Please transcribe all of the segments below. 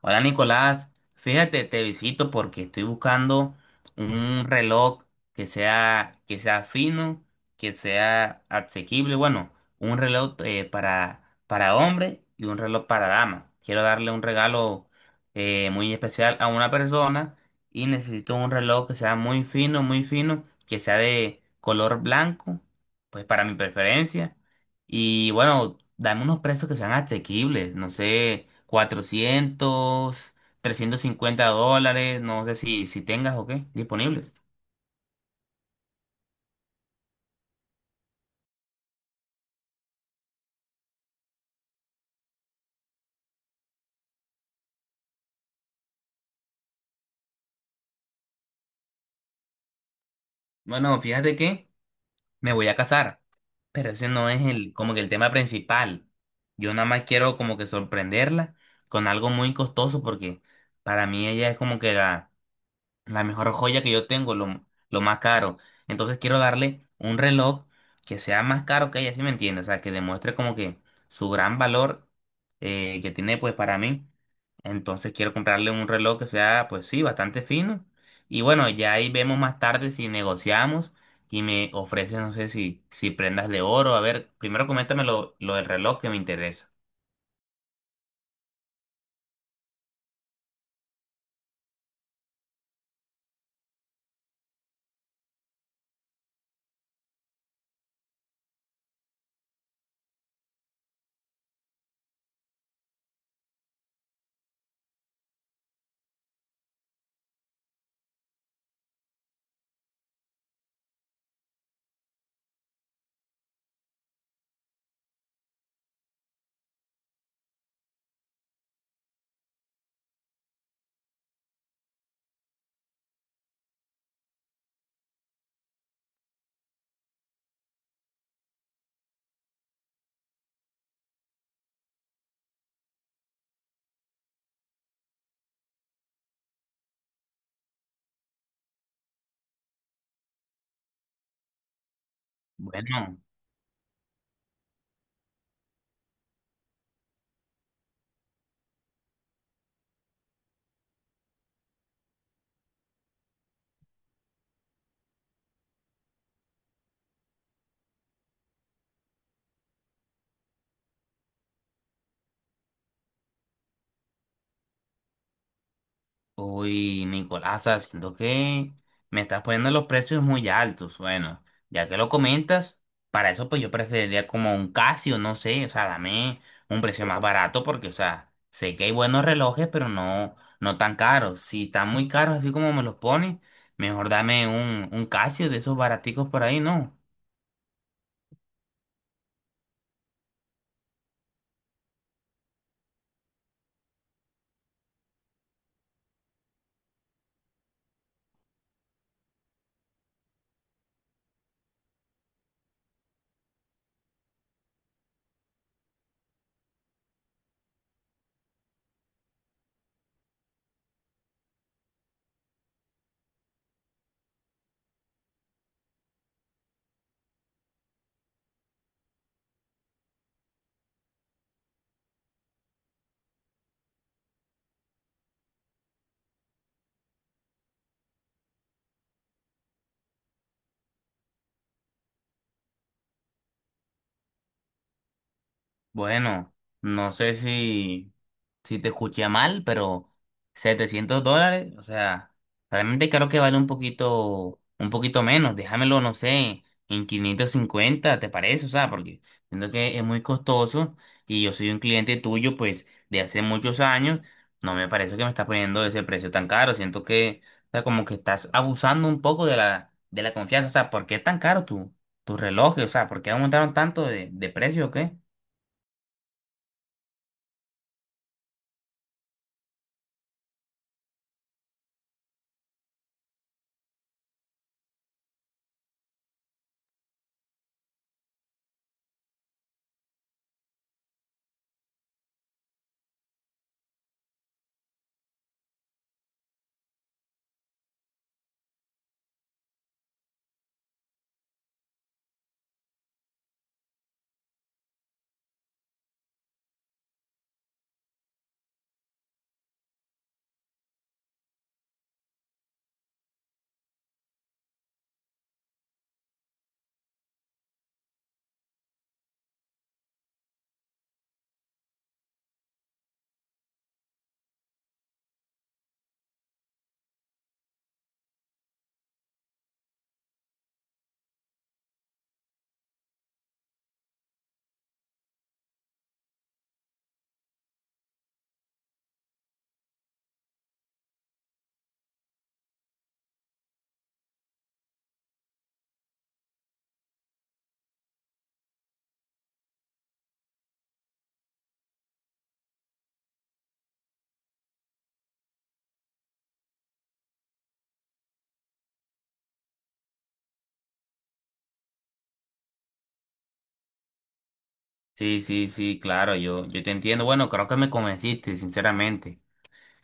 Hola Nicolás, fíjate, te visito porque estoy buscando un reloj que sea fino, que sea asequible, bueno, un reloj para hombre y un reloj para dama. Quiero darle un regalo muy especial a una persona y necesito un reloj que sea muy fino, que sea de color blanco, pues para mi preferencia. Y bueno, dame unos precios que sean asequibles, no sé, 400 $350, no sé si tengas o qué, disponibles. Bueno, fíjate que me voy a casar, pero ese no es como que el tema principal. Yo nada más quiero como que sorprenderla con algo muy costoso porque para mí ella es como que la mejor joya que yo tengo, lo más caro. Entonces quiero darle un reloj que sea más caro que ella, ¿sí me entiende? O sea, que demuestre como que su gran valor que tiene pues para mí. Entonces quiero comprarle un reloj que sea pues sí, bastante fino. Y bueno, ya ahí vemos más tarde si negociamos y me ofrece, no sé si prendas de oro. A ver, primero coméntame lo del reloj que me interesa. Bueno. Uy, Nicolás, o sea, siento que me estás poniendo los precios muy altos. Bueno, ya que lo comentas, para eso pues yo preferiría como un Casio, no sé, o sea, dame un precio más barato porque, o sea, sé que hay buenos relojes, pero no, no tan caros. Si están muy caros así como me los pones, mejor dame un Casio de esos baraticos por ahí, ¿no? Bueno, no sé si te escuché mal, pero $700, o sea, realmente creo que vale un poquito menos. Déjamelo, no sé, en 550, ¿te parece? O sea, porque siento que es muy costoso y yo soy un cliente tuyo, pues, de hace muchos años. No me parece que me estás poniendo ese precio tan caro. Siento que, o sea, como que estás abusando un poco de la confianza. O sea, ¿por qué es tan caro tu reloj? O sea, ¿por qué aumentaron tanto de precio o qué? Sí, sí, sí, claro, yo te entiendo. Bueno, creo que me convenciste, sinceramente.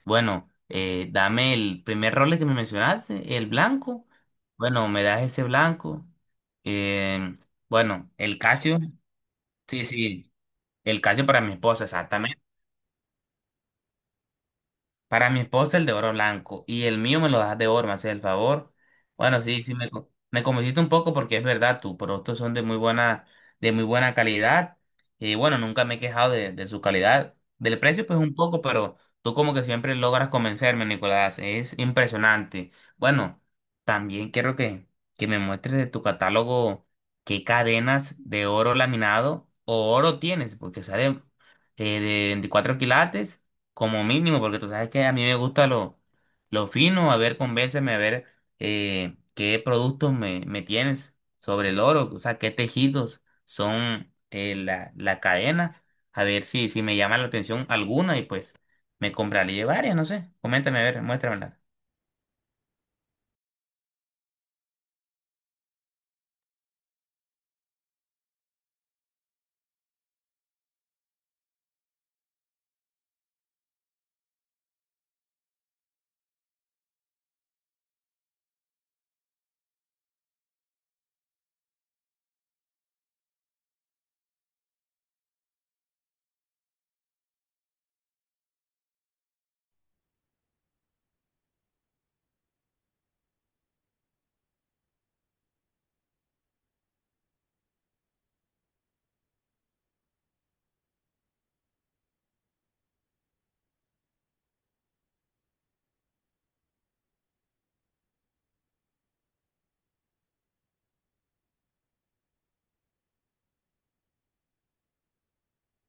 Bueno, dame el primer rol que me mencionaste, el blanco. Bueno, me das ese blanco. Eh, bueno, el Casio. Sí, sí, el Casio para mi esposa, exactamente. Para mi esposa el de oro blanco y el mío me lo das de oro, me haces el favor. Bueno, sí, sí, me convenciste un poco porque es verdad, tus productos son de muy buena calidad y bueno, nunca me he quejado de su calidad. Del precio pues un poco, pero tú como que siempre logras convencerme, Nicolás, es impresionante. Bueno, también quiero que me muestres de tu catálogo qué cadenas de oro laminado o oro tienes, porque sale de 24 quilates como mínimo, porque tú sabes que a mí me gusta lo fino. A ver, convénceme, a ver, qué productos me tienes sobre el oro, o sea, qué tejidos son, la cadena, a ver si me llama la atención alguna y pues me compraré varias, no sé, coméntame, a ver, muéstramela.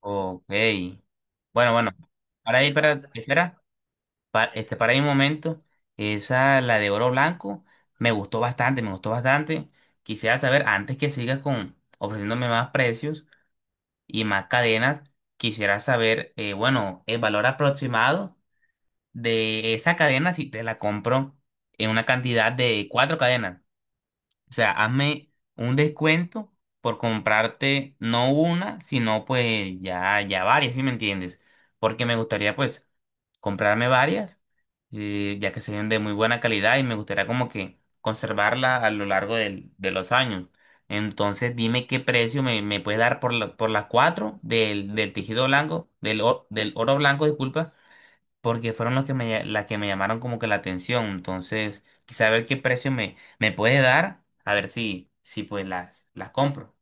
Ok, bueno, bueno, ahora ahí, espera, espera. Este, para mi momento, esa, la de oro blanco, me gustó bastante, me gustó bastante. Quisiera saber, antes que sigas con ofreciéndome más precios y más cadenas, quisiera saber, bueno, el valor aproximado de esa cadena si te la compro en una cantidad de cuatro cadenas. O sea, hazme un descuento por comprarte no una, sino pues ya, varias, ¿sí me entiendes? Porque me gustaría pues comprarme varias, ya que sean de muy buena calidad, y me gustaría como que conservarla a lo largo de los años. Entonces dime qué precio me puedes dar por las cuatro del tejido blanco, del oro blanco, disculpa, porque fueron las que me llamaron como que la atención. Entonces, quizá ver qué precio me puede dar, a ver si pues las compro.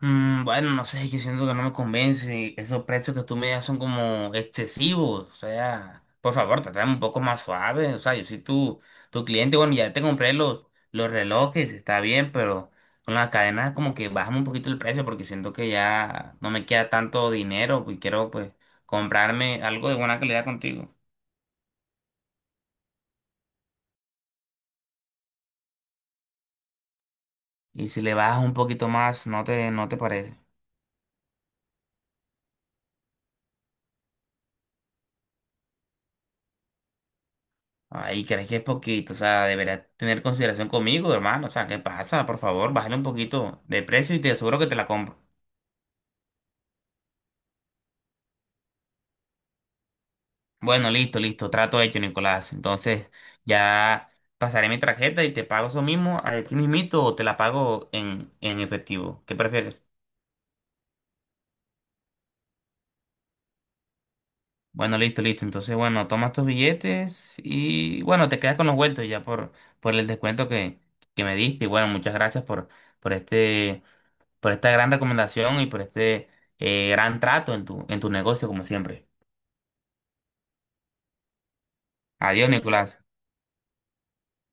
Bueno, no sé, yo siento que no me convence. Esos precios que tú me das son como excesivos. O sea, por favor, trátame un poco más suave. O sea, yo soy tu cliente. Bueno, ya te compré los relojes, está bien, pero con las cadenas como que bajamos un poquito el precio porque siento que ya no me queda tanto dinero y quiero pues comprarme algo de buena calidad contigo. Y si le bajas un poquito más, ¿no te parece? Ay, crees que es poquito, o sea, deberás tener consideración conmigo, hermano. O sea, ¿qué pasa? Por favor, bájale un poquito de precio y te aseguro que te la compro. Bueno, listo, listo, trato hecho, Nicolás. Entonces, ya pasaré mi tarjeta y te pago eso mismo aquí mismito o te la pago en efectivo. ¿Qué prefieres? Bueno, listo, listo. Entonces, bueno, toma tus billetes y bueno, te quedas con los vueltos ya por el descuento que me diste. Y bueno, muchas gracias por este. Por esta gran recomendación y por este gran trato en tu negocio, como siempre. Adiós, Nicolás.